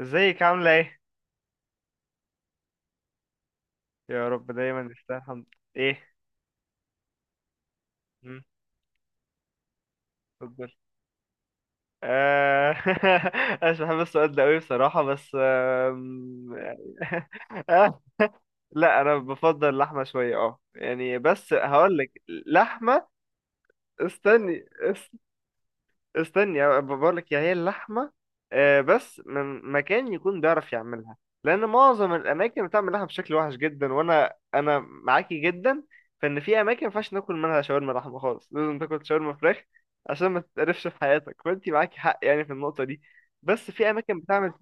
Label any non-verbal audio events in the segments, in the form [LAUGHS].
ازيك عاملة ايه؟ يا رب دايما نستاهل الحمد. ايه؟ مم. اتفضل. آه، [LAUGHS] انا مش بحب السؤال ده قوي بصراحة، بس يعني. [LAUGHS] آه، لا، انا بفضل اللحمة شوية. اه يعني بس هقول لك لحمة. استني استني، بقول لك يا هي اللحمه. بس من مكان يكون بيعرف يعملها. لان معظم الاماكن بتعمل لحمه بشكل وحش جدا، وانا معاكي جدا. فان في اماكن ما ينفعش ناكل منها شاورما لحمه خالص، لازم تاكل شاورما فراخ عشان ما تتقرفش في حياتك. فانت معاكي حق يعني في النقطه دي. بس في اماكن بتعمل.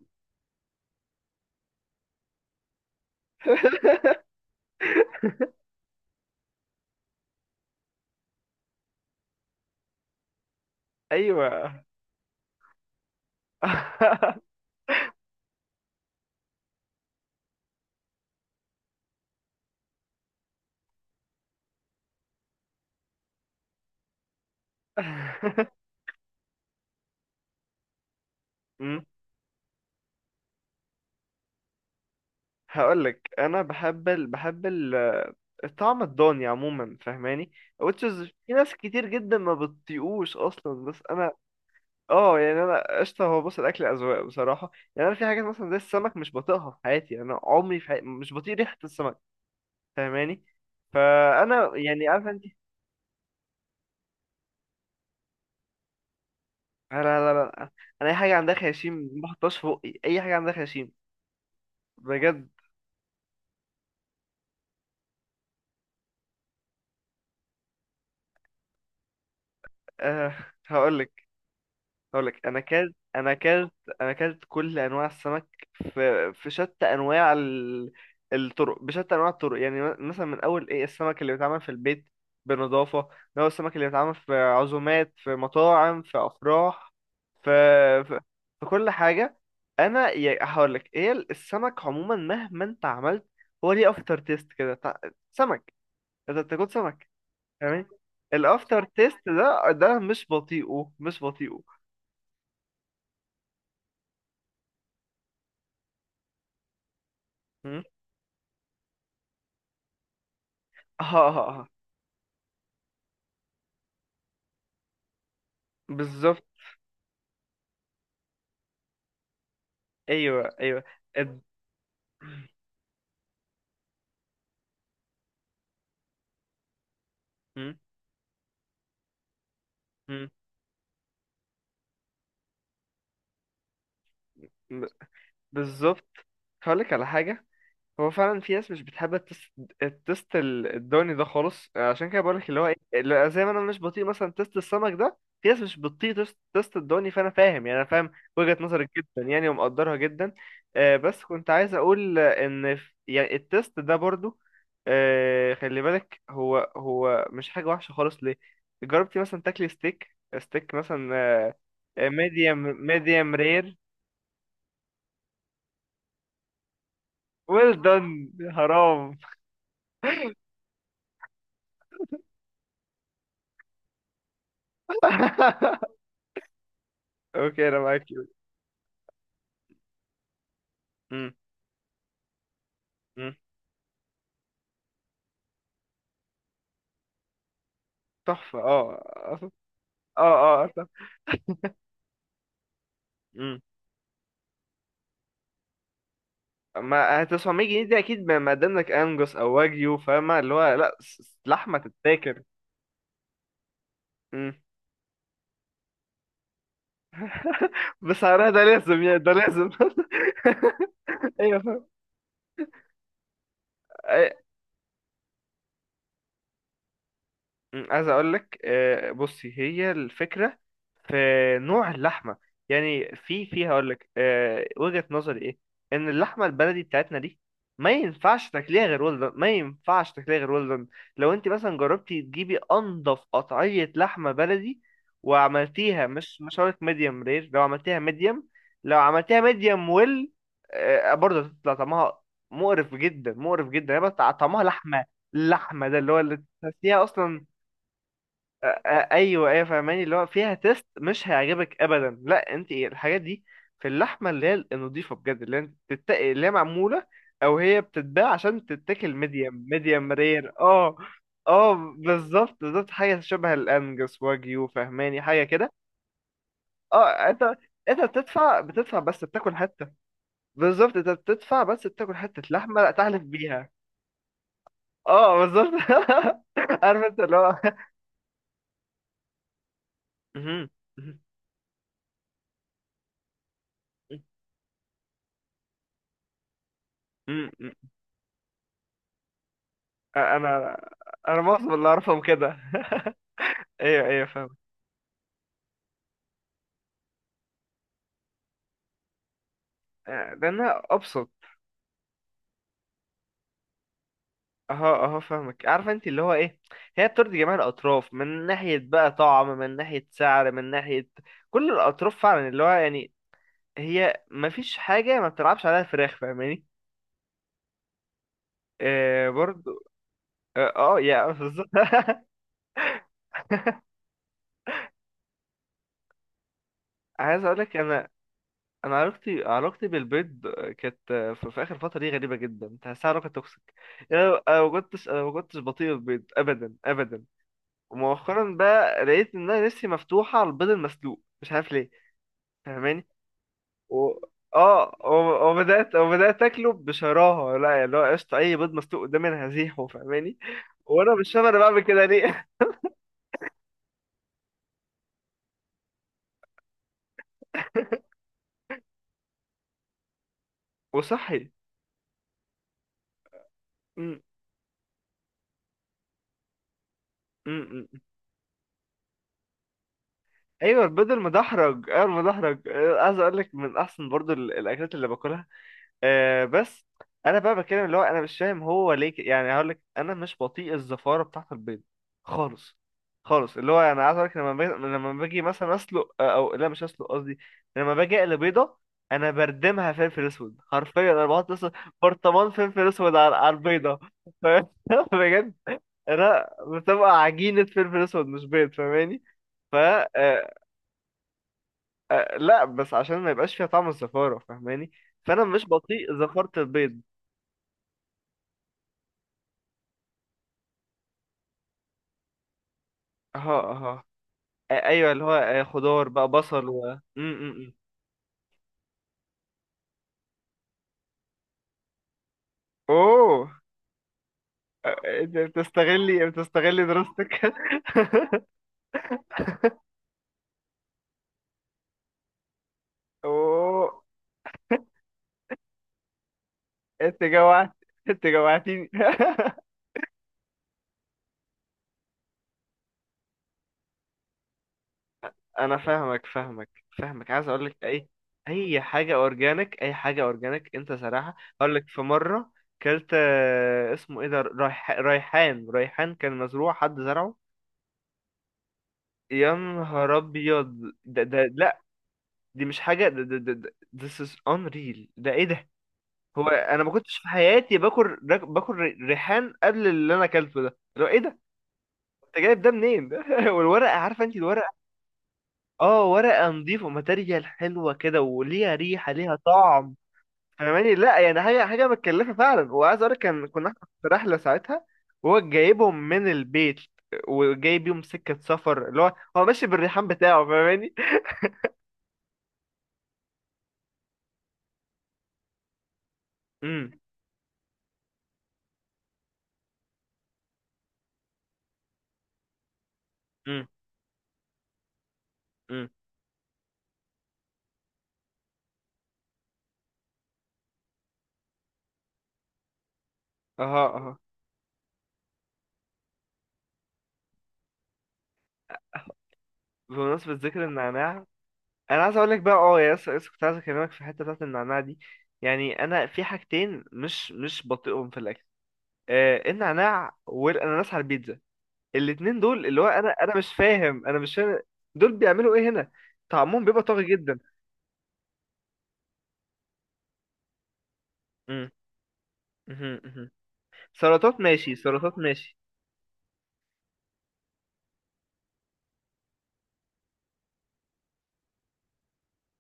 [LAUGHS] ايوه. [LAUGHS] مم. هقول لك انا الطعم الضاني عموما، فاهماني. Which is في ناس كتير جدا ما بتطيقوش اصلا، بس انا... اه يعني انا قشطه. هو بص، الاكل اذواق بصراحه يعني. انا في حاجات مثلا زي السمك مش بطيقها في حياتي، يعني انا عمري في حياتي مش بطيق ريحه السمك. فاهماني. فانا يعني عارفه انت... لا، لا، لا، لا. انا اي حاجه عندها خياشيم ما بحطهاش في بقي، اي حاجه عندها خياشيم. بجد. أه هقول لك اقول لك انا اكلت، انا اكلت كل انواع السمك. في شتى انواع الطرق، بشتى انواع الطرق. يعني مثلا، من اول ايه السمك اللي بيتعمل في البيت بنظافه، من اول السمك اللي بيتعمل في عزومات، في مطاعم، في افراح، في في, في كل حاجه. انا هقول لك ايه، السمك عموما مهما انت عملت، هو ليه افتر تيست كده. سمك. انت بتاكل سمك؟ تمام. الافتر تيست ده مش بطيئه. اه، اه، اه، بالظبط. ايوه، ايوه، اد- م- م- ب- بالظبط. هقولك على حاجة. هو فعلا في ناس مش بتحب التست، الدوني ده خالص. عشان كده بقولك اللي هو ايه، اللي زي ما انا مش بطيء مثلا تست السمك ده، في ناس مش بتطيق تست، تست الدوني. فانا فاهم يعني، انا فاهم وجهة نظرك جدا يعني، ومقدرها جدا. بس كنت عايز اقول ان يعني التست ده برضو. خلي بالك، هو مش حاجة وحشة خالص. ليه؟ جربتي مثلا تاكلي ستيك مثلا؟ ميديوم ميديوم رير. ويل دون. حرام. [LAUGHS] اوكي، انا معاك. مم. تحفة. اه، اه، اه، آه، تحفة. مم. ما هتسعمية جنيه دي اكيد، ما قداملك انجوس او واجيو، فاهمة اللي هو لا. لحمة تتاكل. مم. بسعرها ده لازم يعني، ده لازم. [LAUGHS] ايوه فاهم. أي- مم. عايز اقول لك، بصي، هي الفكرة في نوع اللحمة. يعني في هقول لك وجهة نظري ايه. ان اللحمة البلدي بتاعتنا دي ما ينفعش تاكليها غير ولدن، ما ينفعش تاكليها غير ولدن. لو انت مثلا جربتي تجيبي انضف قطعية لحمة بلدي وعملتيها، مش هقول لك ميديوم رير، لو عملتيها ميديوم، لو عملتيها ميديوم ويل، برضه هتطلع طعمها مقرف جدا، مقرف جدا، هي بس طعمها لحمة، اللحمة ده اللي هو اللي تحسيها اصلا. آه، ايوه، ايوه، فاهماني اللي هو فيها تيست مش هيعجبك ابدا. لا انت إيه، الحاجات دي في اللحمه اللي هي النضيفه بجد، اللي هي معموله او هي بتتباع عشان تتاكل ميديم، ميديم رير. اه. اه بالظبط، بالظبط، حاجه شبه الانجس واجيو فاهماني، حاجه كده. اه. انت بتدفع بس بتاكل حته. بالظبط، انت بتدفع بس بتاكل حته لحمه تحلف بيها. اه بالظبط. [LAUGHS] عارف انت اللي هو. [LAUGHS] مهم. مهم. انا، معظم اللي اعرفهم كده. [LAUGHS] ايوه، ايوه، فاهمك. لانها ابسط. اهو، اهو، فاهمك، عارفه انت اللي هو ايه. هي بترضي جميع الاطراف، من ناحيه بقى طعم، من ناحيه سعر، من ناحيه كل الاطراف فعلا، اللي هو يعني، هي ما فيش حاجه ما بتلعبش عليها فراخ، فاهماني. آه برضو. اه، آه، يا بالظبط. [LAUGHS] عايز اقول لك انا، انا علاقتي بالبيض كانت في اخر فتره دي غريبه جدا، تحسها علاقه توكسيك. انا أنا ما كنتش بطيء البيض ابدا، ابدا. ومؤخرا بقى لقيت ان انا نفسي مفتوحه على البيض المسلوق، مش عارف ليه، فاهماني. و... اه و- وبدات وبدات اكله بشراهه. لا يعني اللي هو قشطه، اي بيض مسلوق قدامي انا هزيحه، فاهماني. وانا مش فاهم انا بعمل كده ليه. [LAUGHS] وصحي. أمم، أمم، أمم. ايوه، البيض المدحرج، ايوه المدحرج. عايز اقول لك، من احسن برضو الاكلات اللي باكلها. بس انا بقى بتكلم اللي هو انا مش فاهم هو ليه، يعني هقول لك، انا مش بطيء الزفاره بتاعه البيض خالص، خالص. اللي هو انا عايز اقول لك، لما باجي مثلا اسلق، او لا، مش اسلق قصدي. لما باجي اقلي بيضه، انا بردمها فلفل اسود حرفيا، انا بحط لسه برطمان فلفل اسود على البيضه. [LAUGHS] ف- بجد، انا بتبقى عجينه فلفل اسود مش بيض، فاهماني. ف آه، آه، لا بس عشان ما يبقاش فيها طعم الزفاره، فاهماني. فانا مش بطيء زفاره البيض. اها، اها، ايوه اللي هو خضار بقى، بصل و م- م- م. اوه. انت بتستغلي دراستك. [LAUGHS] اوه. انت جوعت، انت جوعتيني. [LAUGHS] انا فاهمك، فاهمك، فاهمك. عايز اقول لك، اي حاجه اورجانيك، اي حاجه اورجانيك. انت صراحه، اقول لك في مره كلت اسمه ايه ده، ريحان، ريحان كان مزروع، حد زرعه. يا نهار ابيض! ده دي مش حاجة، this is unreal. ده ايه ده؟ هو انا ما كنتش في حياتي باكل ريحان قبل اللي انا اكلته ده. لو ايه ده؟ انت جايب ده منين؟ [LAUGHS] والورقة، عارفة انت الورقة، اه، ورقة نظيفة، ماتيريال حلوة كده، وليها ريحة، ليها طعم، فاهماني. لا يعني حاجة، حاجة متكلفة فعلا. وعايز اقول لك، كنا احنا في رحلة ساعتها وهو جايبهم من البيت، وجايب يوم سكة سفر اللي هو ماشي بالريحان بتاعه، فاهماني. [LAUGHS] امم امم امم اها، بمناسبة ذكر النعناع، أنا عايز أقولك بقى. يا، لسه كنت عايز أكلمك في الحتة بتاعة النعناع دي. يعني أنا في حاجتين مش بطيئهم في الأكل، النعناع والأناناس على البيتزا. الاتنين دول اللي هو، أنا مش فاهم، أنا مش فاهم. دول بيعملوا إيه هنا؟ طعمهم بيبقى طاغي جدا. مم. مهم. مهم. سلطات ماشي، سلطات ماشي.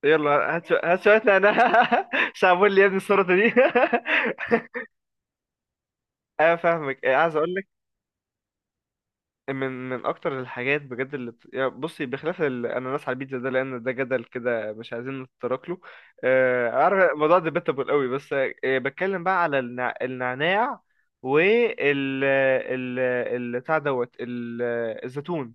يلا هات شوية نعناع. [LAUGHS] مش عامل لي يا ابني السلطة دي؟ [LAUGHS] أنا فاهمك. عايز أقولك، من اكتر الحاجات بجد اللي يعني بصي، بخلاف الاناناس على البيتزا ده، لان ده جدل كده مش عايزين نتطرق له. عارف الموضوع ديبيتابل قوي. بس بتكلم بقى على النعناع وال ال ال بتاع دوت ال- الزيتون.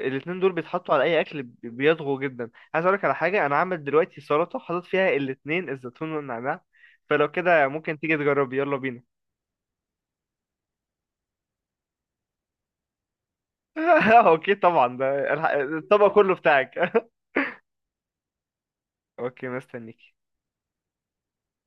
الاتنين دول بيتحطوا على اي اكل، بيضغوا جدا. عايز اقولك على حاجه، انا عامل دلوقتي سلطه حاطط فيها الاتنين، الزيتون والنعناع. فلو كده ممكن تيجي تجربي، يلا بينا. [LAUGHS] اوكي طبعا، ده الطبق كله بتاعك. [LAUGHS] اوكي، مستنيك.